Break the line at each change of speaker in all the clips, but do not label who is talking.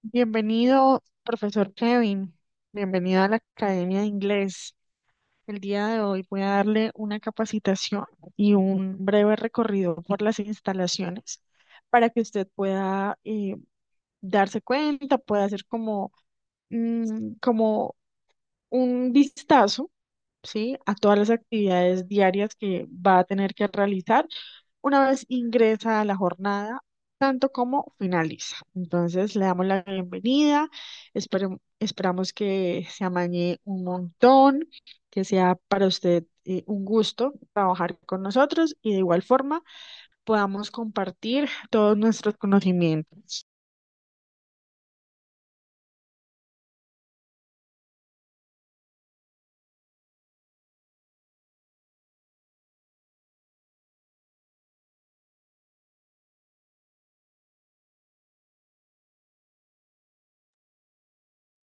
Bienvenido, profesor Kevin. Bienvenido a la Academia de Inglés. El día de hoy voy a darle una capacitación y un breve recorrido por las instalaciones para que usted pueda darse cuenta, pueda hacer como, como un vistazo, ¿sí? A todas las actividades diarias que va a tener que realizar una vez ingresa a la jornada, tanto como finaliza. Entonces le damos la bienvenida, esperamos que se amañe un montón, que sea para usted un gusto trabajar con nosotros y de igual forma podamos compartir todos nuestros conocimientos.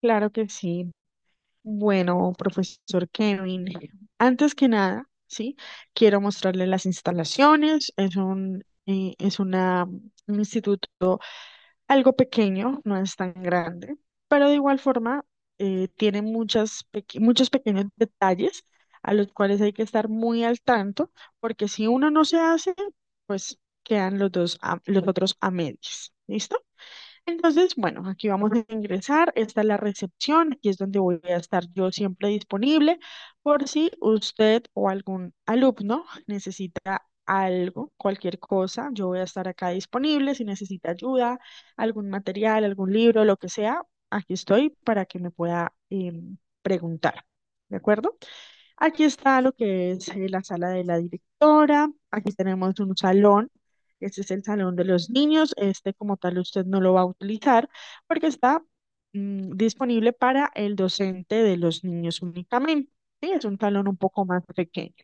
Claro que sí. Bueno, profesor Kevin, antes que nada, sí, quiero mostrarle las instalaciones. Es un, es una, un instituto algo pequeño, no es tan grande, pero de igual forma tiene muchos pequeños detalles a los cuales hay que estar muy al tanto, porque si uno no se hace, pues quedan los otros a medias. ¿Listo? Entonces, bueno, aquí vamos a ingresar. Esta es la recepción. Aquí es donde voy a estar yo siempre disponible por si usted o algún alumno necesita algo, cualquier cosa. Yo voy a estar acá disponible. Si necesita ayuda, algún material, algún libro, lo que sea, aquí estoy para que me pueda preguntar. ¿De acuerdo? Aquí está lo que es la sala de la directora. Aquí tenemos un salón. Este es el salón de los niños. Este como tal usted no lo va a utilizar porque está disponible para el docente de los niños únicamente. Sí, es un salón un poco más pequeño.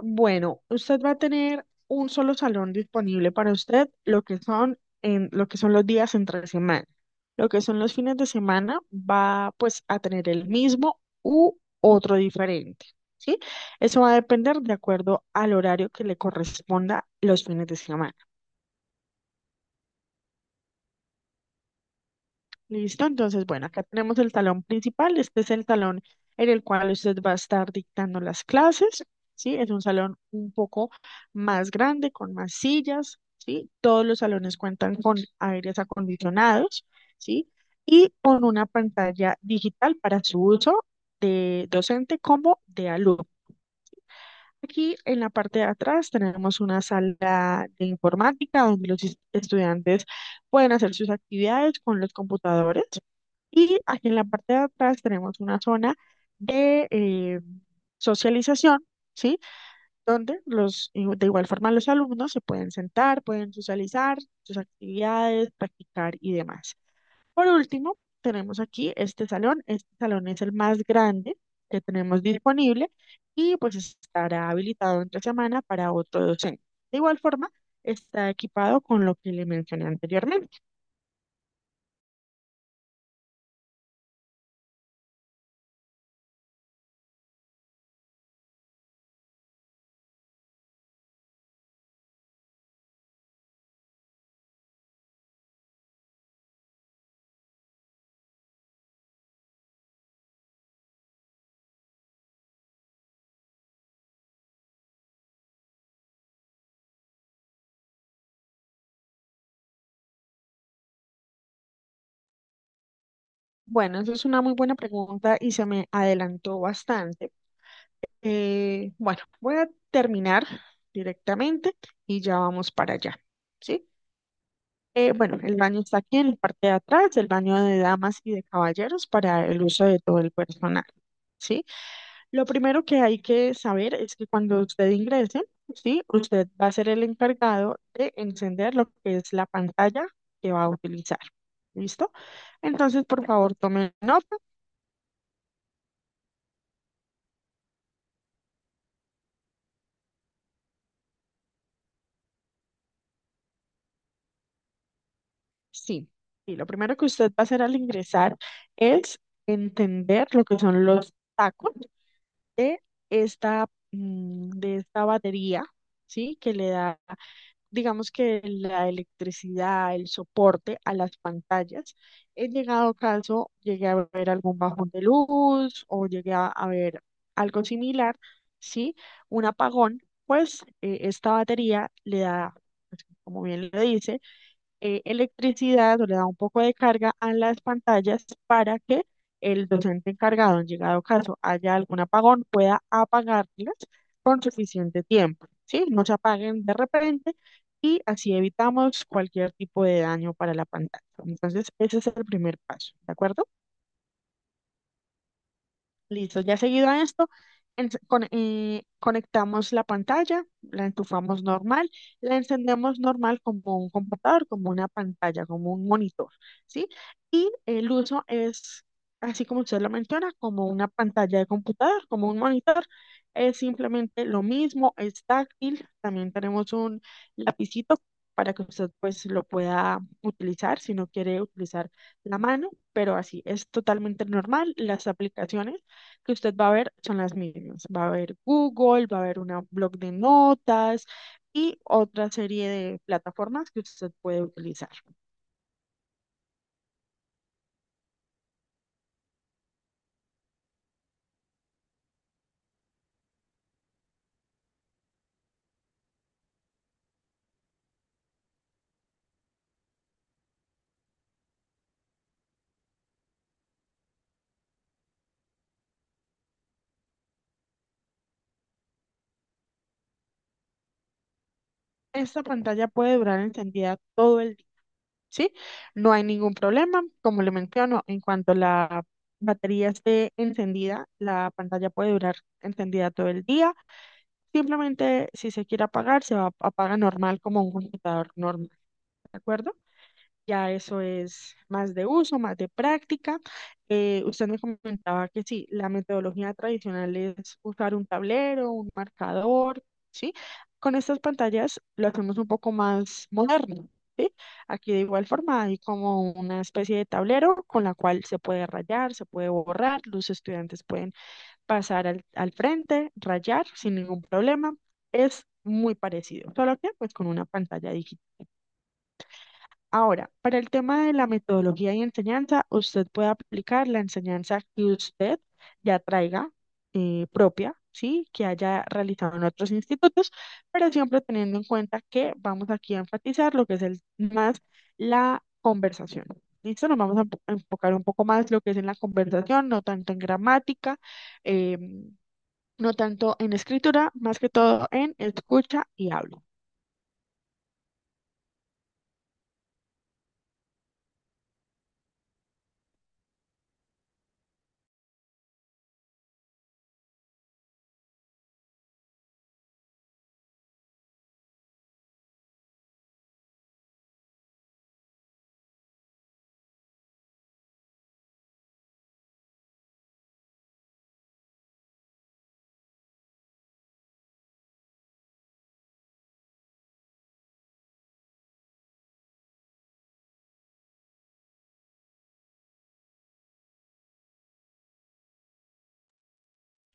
Bueno, usted va a tener un solo salón disponible para usted, lo que son en lo que son los días entre semana. Lo que son los fines de semana va pues a tener el mismo u otro diferente, ¿sí? Eso va a depender de acuerdo al horario que le corresponda los fines de semana. Listo, entonces, bueno, acá tenemos el salón principal. Este es el salón en el cual usted va a estar dictando las clases, ¿sí? Es un salón un poco más grande, con más sillas, ¿sí? Todos los salones cuentan con aires acondicionados, ¿sí? Y con una pantalla digital para su uso de docente como de alumno. Aquí en la parte de atrás tenemos una sala de informática donde estudiantes pueden hacer sus actividades con los computadores. Y aquí en la parte de atrás tenemos una zona de socialización, ¿sí? Donde de igual forma los alumnos se pueden sentar, pueden socializar sus actividades, practicar y demás. Por último, tenemos aquí este salón. Este salón es el más grande que tenemos disponible y pues estará habilitado entre semana para otro docente. De igual forma, está equipado con lo que le mencioné anteriormente. Bueno, esa es una muy buena pregunta y se me adelantó bastante. Bueno, voy a terminar directamente y ya vamos para allá, ¿sí? Bueno, el baño está aquí en la parte de atrás, el baño de damas y de caballeros para el uso de todo el personal, ¿sí? Lo primero que hay que saber es que cuando usted ingrese, ¿sí? Usted va a ser el encargado de encender lo que es la pantalla que va a utilizar, ¿listo? Entonces, por favor, tome nota. Sí, y lo primero que usted va a hacer al ingresar es entender lo que son los tacos, de esta, de esta batería, ¿sí? Que le da, digamos que la electricidad, el soporte a las pantallas. En llegado caso, llegué a ver algún bajón de luz o llegué a ver algo similar, ¿sí? Un apagón, pues esta batería le da, pues, como bien lo dice, electricidad o le da un poco de carga a las pantallas para que el docente encargado, en llegado caso haya algún apagón, pueda apagarlas con suficiente tiempo, ¿sí? No se apaguen de repente y así evitamos cualquier tipo de daño para la pantalla. Entonces, ese es el primer paso, ¿de acuerdo? Listo, ya seguido a esto, conectamos la pantalla, la entufamos normal, la encendemos normal como un computador, como una pantalla, como un monitor, ¿sí? Y el uso es, así como usted lo menciona, como una pantalla de computador, como un monitor. Es simplemente lo mismo, es táctil, también tenemos un lapicito para que usted pues lo pueda utilizar si no quiere utilizar la mano, pero así es totalmente normal. Las aplicaciones que usted va a ver son las mismas. Va a haber Google, va a haber una blog de notas y otra serie de plataformas que usted puede utilizar. Esta pantalla puede durar encendida todo el día, ¿sí? No hay ningún problema. Como le menciono, en cuanto la batería esté encendida, la pantalla puede durar encendida todo el día. Simplemente, si se quiere apagar, apaga normal como un computador normal, ¿de acuerdo? Ya eso es más de uso, más de práctica. Usted me comentaba que sí, la metodología tradicional es usar un tablero, un marcador, ¿sí? Con estas pantallas lo hacemos un poco más moderno, ¿sí? Aquí de igual forma hay como una especie de tablero con la cual se puede rayar, se puede borrar, los estudiantes pueden pasar al frente, rayar sin ningún problema. Es muy parecido, solo que pues con una pantalla. Ahora, para el tema de la metodología y enseñanza, usted puede aplicar la enseñanza que usted ya traiga propia, ¿sí? Que haya realizado en otros institutos, pero siempre teniendo en cuenta que vamos aquí a enfatizar lo que es el, más la conversación. ¿Listo? Nos vamos a enfocar un poco más lo que es en la conversación, no tanto en gramática, eh, no tanto en escritura, más que todo en escucha y habla.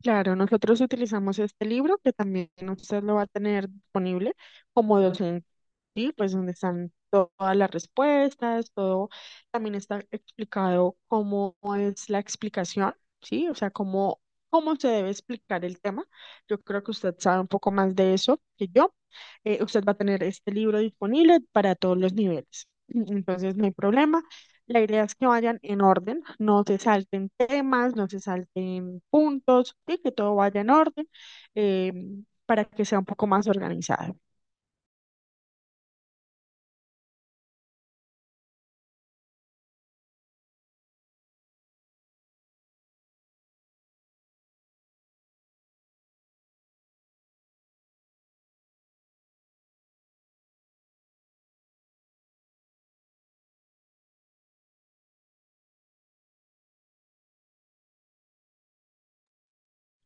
Claro, nosotros utilizamos este libro que también usted lo va a tener disponible como docente, ¿sí? Pues donde están todas las respuestas, todo también está explicado cómo es la explicación, ¿sí? O sea, cómo se debe explicar el tema. Yo creo que usted sabe un poco más de eso que yo. Usted va a tener este libro disponible para todos los niveles. Entonces, no hay problema. La idea es que vayan en orden, no se salten temas, no se salten puntos, y que todo vaya en orden eh, para que sea un poco más organizado.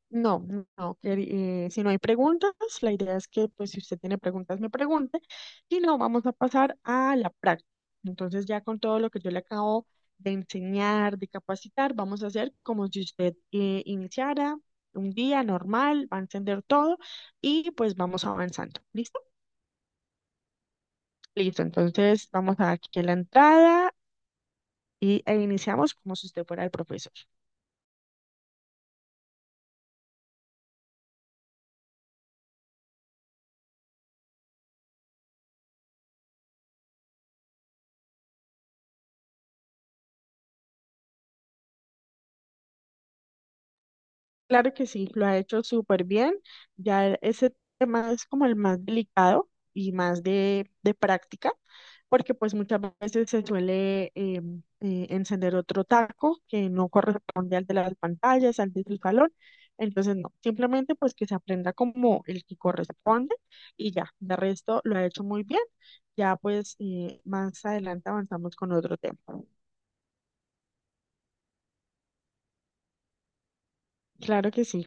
No, no, si no hay preguntas, la idea es que pues si usted tiene preguntas me pregunte, si no, vamos a pasar a la práctica. Entonces ya con todo lo que yo le acabo de enseñar, de capacitar, vamos a hacer como si usted iniciara un día normal, va a entender todo y pues vamos avanzando. ¿Listo? Listo, entonces vamos a dar aquí la entrada e iniciamos como si usted fuera el profesor. Claro que sí, lo ha hecho súper bien. Ya ese tema es como el más delicado y más de práctica, porque pues muchas veces se suele encender otro taco que no corresponde al de las pantallas, al del salón. Entonces, no, simplemente pues que se aprenda como el que corresponde y ya, de resto lo ha hecho muy bien. Ya pues más adelante avanzamos con otro tema. Claro que sí.